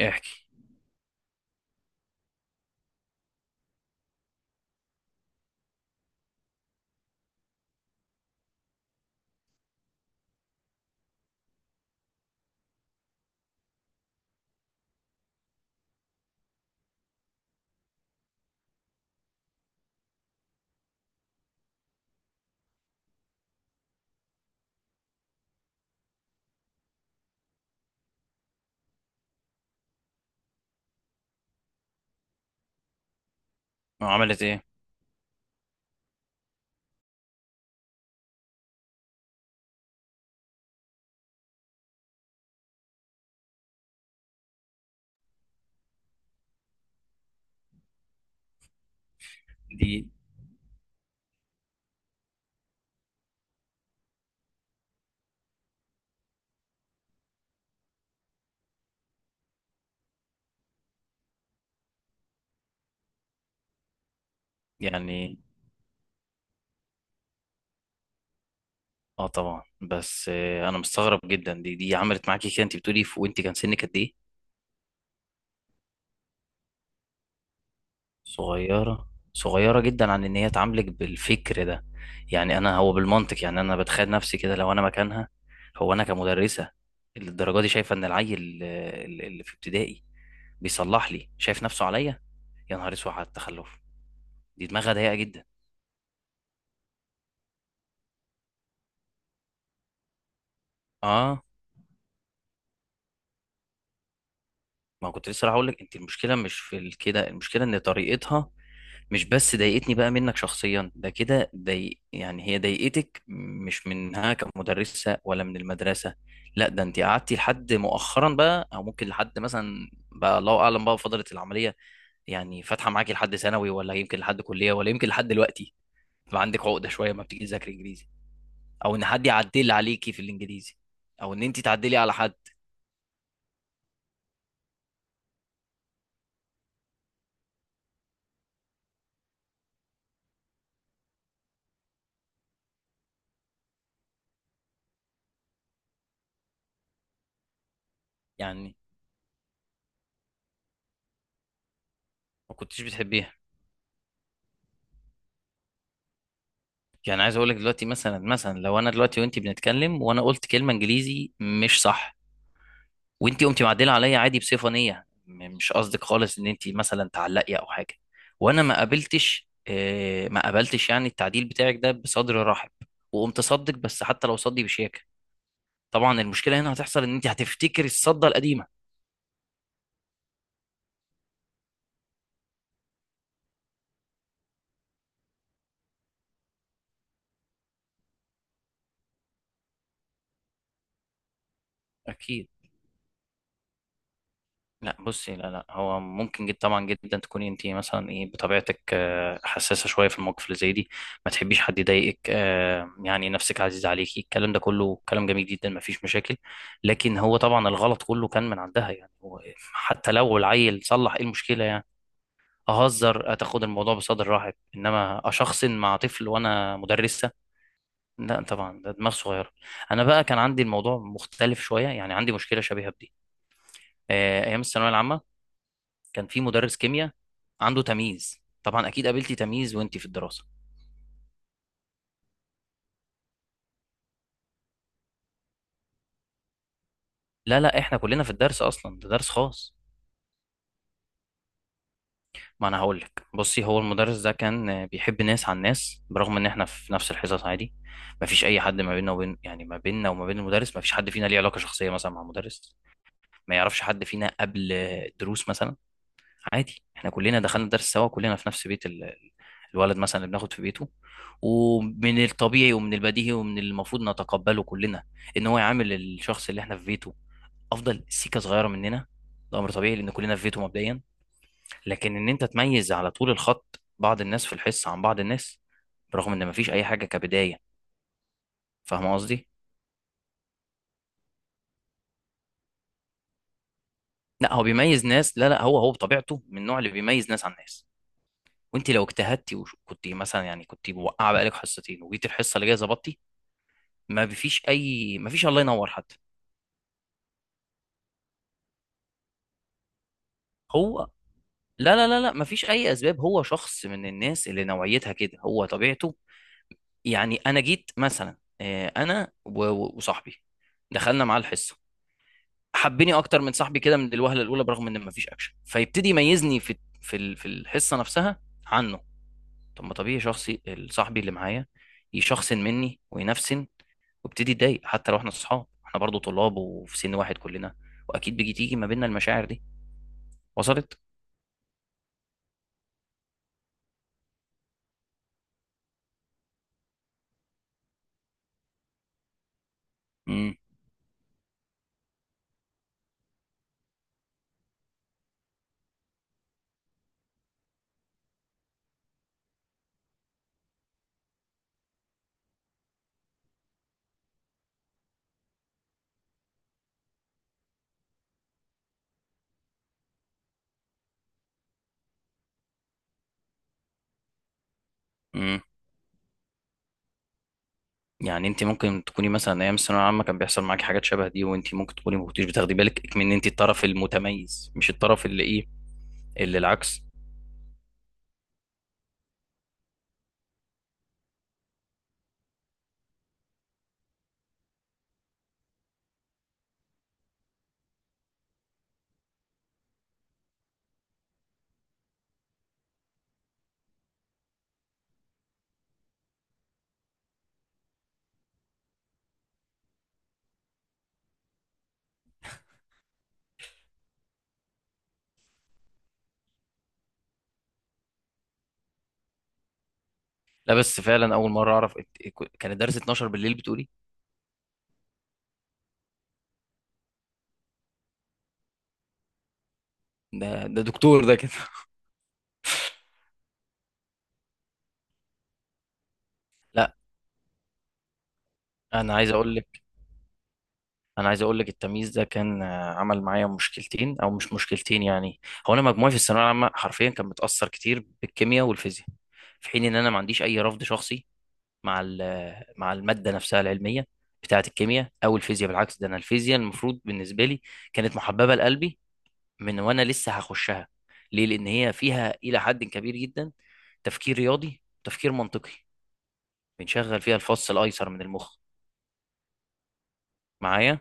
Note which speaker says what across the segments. Speaker 1: إيه احكي. عملت ايه دي؟ يعني اه طبعا بس آه، انا مستغرب جدا دي عملت معاكي كده. انت بتقولي وانت كان سنك قد ايه؟ صغيره، صغيره جدا عن ان هي تعاملك بالفكر ده. انا هو بالمنطق، يعني انا بتخيل نفسي كده لو انا مكانها. هو انا كمدرسه اللي الدرجه دي شايفه ان العيل اللي في ابتدائي بيصلح لي شايف نفسه عليا؟ يا نهار اسود على التخلف، دي دماغها ضيقه جدا. اه، ما كنت لسه هقول لك، انت المشكله مش في كده، المشكله ان طريقتها مش بس ضايقتني بقى منك شخصيا، ده كده ضايق، يعني هي ضايقتك مش منها كمدرسة ولا من المدرسة. لا، ده انت قعدتي لحد مؤخرا بقى، او ممكن لحد مثلا بقى الله اعلم، بقى فضلت العملية يعني فاتحة معاكي لحد ثانوي، ولا يمكن لحد كلية، ولا يمكن لحد دلوقتي. بقى عندك عقدة شوية ما بتيجي تذاكري انجليزي، او ان حد يعدل عليكي في الانجليزي، او ان انت تعدلي على حد. يعني ما كنتش بتحبيها. يعني عايز اقول لك دلوقتي، مثلا مثلا لو انا دلوقتي وانت بنتكلم وانا قلت كلمة انجليزي مش صح، وانتي قمتي معدله عليا عادي بصفه نيه، مش قصدك خالص ان انتي مثلا تعلقي او حاجه، وانا ما قابلتش ما قابلتش يعني التعديل بتاعك ده بصدر رحب، وقمت صدك، بس حتى لو صدي بشياكه، طبعا المشكله هنا هتحصل ان انتي هتفتكري الصده القديمه. اكيد. لا بصي، لا هو ممكن جدا، طبعا جدا تكوني انت مثلا ايه بطبيعتك حساسه شويه في المواقف اللي زي دي، ما تحبيش حد يضايقك، يعني نفسك عزيز عليكي، الكلام ده كله كلام جميل جدا، ما فيش مشاكل. لكن هو طبعا الغلط كله كان من عندها. يعني هو حتى لو العيل صلح، ايه المشكله يعني؟ اهزر، اتاخد الموضوع بصدر رحب، انما اشخصن مع طفل وانا مدرسه؟ لا طبعا، ده دماغ صغيره. انا بقى كان عندي الموضوع مختلف شويه، يعني عندي مشكله شبيهه بدي ايام الثانويه العامه. كان في مدرس كيمياء عنده تمييز. طبعا اكيد قابلتي تمييز وانتي في الدراسه. لا لا، احنا كلنا في الدرس، اصلا ده درس خاص. ما انا هقول لك، بصي، هو المدرس ده كان بيحب ناس عن ناس، برغم ان احنا في نفس الحصص عادي، ما فيش اي حد ما بيننا وبين يعني ما بيننا وما بين المدرس، ما فيش حد فينا ليه علاقه شخصيه مثلا مع المدرس، ما يعرفش حد فينا قبل دروس مثلا. عادي، احنا كلنا دخلنا درس سوا، كلنا في نفس بيت الولد مثلا اللي بناخد في بيته. ومن الطبيعي ومن البديهي ومن المفروض نتقبله كلنا ان هو يعامل الشخص اللي احنا في بيته افضل سيكه صغيره مننا، ده امر طبيعي لان كلنا في بيته مبدئيا. لكن ان انت تميز على طول الخط بعض الناس في الحصه عن بعض الناس، برغم ان مفيش اي حاجه كبدايه، فاهم قصدي؟ لا هو بيميز ناس، لا، هو بطبيعته من النوع اللي بيميز ناس عن ناس. وانت لو اجتهدتي وكنت مثلا يعني كنت موقعه بقالك حصتين وجيت الحصه اللي جايه ظبطتي، ما فيش اي، ما فيش الله ينور حتى. هو لا، ما فيش اي اسباب، هو شخص من الناس اللي نوعيتها كده، هو طبيعته. يعني انا جيت مثلا، وصاحبي دخلنا معاه الحصه، حبني اكتر من صاحبي كده من الوهله الاولى برغم ان ما فيش اكشن، فيبتدي يميزني في الحصه نفسها عنه. طب ما طبيعي شخصي صاحبي اللي معايا يشخصن مني وينفسن، وابتدي اتضايق، حتى لو احنا اصحاب، احنا برضو طلاب وفي سن واحد كلنا، واكيد تيجي ما بيننا المشاعر دي. وصلت؟ امم يعني انت ممكن تكوني مثلا ايام الثانويه العامه كان بيحصل معاكي حاجات شبه دي، وانت ممكن تكوني ما كنتيش بتاخدي بالك من ان انت الطرف المتميز مش الطرف اللي ايه، اللي العكس. لا بس فعلا اول مره اعرف كان الدرس 12 بالليل بتقولي؟ ده دكتور ده كده. لا، انا عايز اقول لك، انا عايز اقول لك التمييز ده كان عمل معايا مشكلتين، او مش مشكلتين يعني. هو انا مجموعي في الثانويه العامه حرفيا كان متاثر كتير بالكيمياء والفيزياء، في حين ان انا ما عنديش اي رفض شخصي مع مع الماده نفسها العلميه بتاعه الكيمياء او الفيزياء. بالعكس، ده انا الفيزياء المفروض بالنسبه لي كانت محببه لقلبي من وانا لسه هخشها. ليه؟ لان هي فيها الى حد كبير جدا تفكير رياضي، تفكير منطقي، بنشغل فيها الفص الايسر من المخ. معايا؟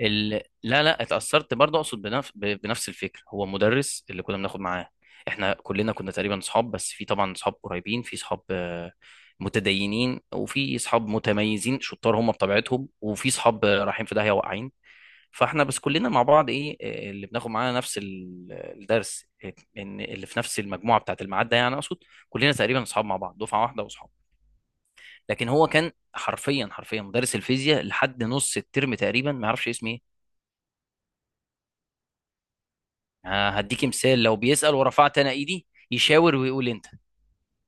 Speaker 1: لا لا، اتأثرت برضه، اقصد بنفس الفكرة. هو مدرس اللي كنا بناخد معاه، احنا كلنا كنا تقريبا صحاب، بس في طبعا صحاب قريبين، في صحاب متدينين، وفي صحاب متميزين شطار هم بطبيعتهم، وفي صحاب رايحين في داهية واقعين. فاحنا بس كلنا مع بعض ايه، اللي بناخد معانا نفس الدرس، ان اللي في نفس المجموعة بتاعة الميعاد ده يعني، اقصد كلنا تقريبا صحاب مع بعض دفعة واحدة وصحاب. لكن هو كان حرفيا مدرس الفيزياء لحد نص الترم تقريبا ما يعرفش اسمي ايه. هديكي مثال، لو بيسأل ورفعت انا ايدي يشاور ويقول انت.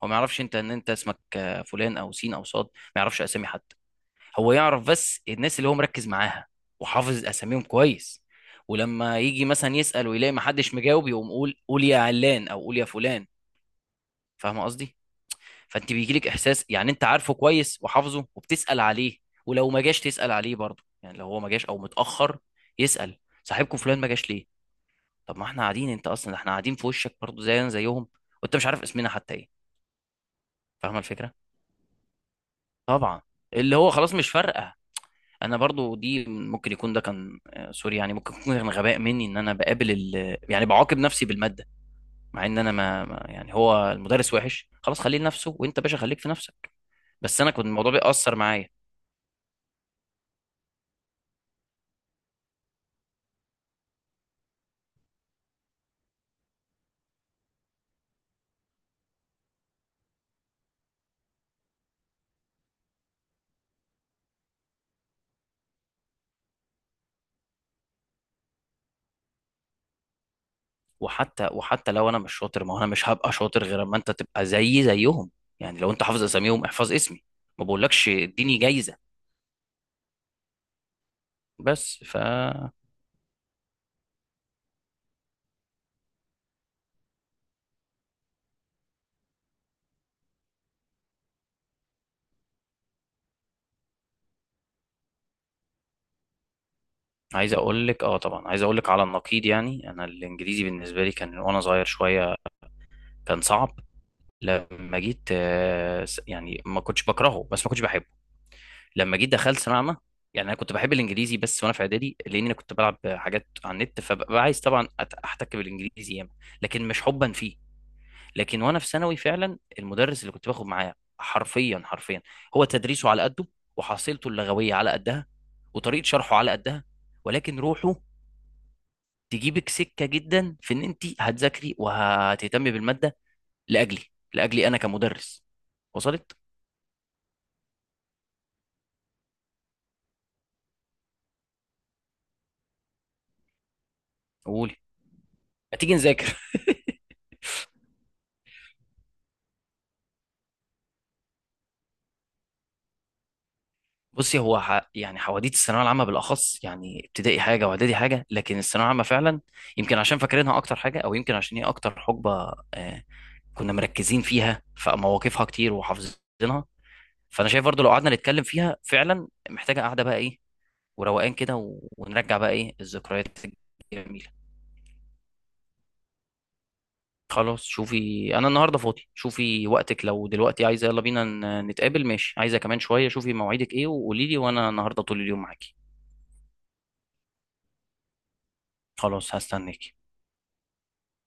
Speaker 1: هو ما يعرفش انت، ان انت اسمك فلان او سين او صاد، ما يعرفش اسامي حد، هو يعرف بس الناس اللي هو مركز معاها وحافظ اساميهم كويس. ولما يجي مثلا يسأل ويلاقي ما حدش مجاوب، يقوم قول يا علان او قول يا فلان، فاهم قصدي؟ فانت بيجيلك احساس يعني انت عارفه كويس وحافظه وبتسأل عليه. ولو ما جاش تسأل عليه برضه، يعني لو هو ما جاش او متأخر، يسأل صاحبكم فلان ما جاش ليه. طب ما احنا قاعدين، انت اصلا احنا قاعدين في وشك برضه زينا زيهم، وانت مش عارف اسمنا حتى ايه. فاهمه الفكره؟ طبعا، اللي هو خلاص مش فارقه. انا برضه دي ممكن يكون ده كان سوري يعني، ممكن يكون كان غباء مني ان انا بقابل يعني بعاقب نفسي بالماده، مع ان انا يعني هو المدرس وحش خلاص، خليه لنفسه وانت باشا خليك في نفسك. بس انا كنت الموضوع بيأثر معايا. وحتى لو انا مش شاطر، ما هو انا مش هبقى شاطر غير اما انت تبقى زيي زيهم. يعني لو انت حافظ اساميهم احفظ اسمي، ما بقولكش اديني جايزه. بس ف عايز اقول لك اه طبعا، عايز اقول لك على النقيض، يعني انا الانجليزي بالنسبه لي كان وانا صغير شويه كان صعب. لما جيت يعني ما كنتش بكرهه بس ما كنتش بحبه. لما جيت دخلت ثانويه عامه، يعني انا كنت بحب الانجليزي بس وانا في اعدادي لان انا كنت بلعب حاجات على النت، فببقى عايز طبعا احتك بالانجليزي ياما، لكن مش حبا فيه. لكن وانا في ثانوي فعلا المدرس اللي كنت باخد معاه حرفيا، هو تدريسه على قده، وحصيلته اللغويه على قدها، وطريقه شرحه على قدها، ولكن روحه تجيبك سكه جدا في ان انت هتذاكري وهتهتمي بالماده لاجلي، لاجلي انا كمدرس. وصلت؟ قولي. هتيجي نذاكر؟ بصي، هو يعني حواديت الثانويه العامه بالاخص، يعني ابتدائي حاجه واعدادي حاجه، لكن الثانويه العامه فعلا، يمكن عشان فاكرينها اكتر حاجه، او يمكن عشان هي اكتر حقبه آه كنا مركزين فيها، فمواقفها كتير وحافظينها. فانا شايف برضو لو قعدنا نتكلم فيها فعلا محتاجه قاعده بقى ايه، وروقان كده ونرجع بقى ايه الذكريات الجميله. خلاص، شوفي انا النهارده فاضي، شوفي وقتك لو دلوقتي عايزه يلا بينا نتقابل، ماشي عايزه كمان شويه، شوفي مواعيدك ايه وقولي لي، وانا النهارده طول اليوم معاكي. خلاص هستناكي.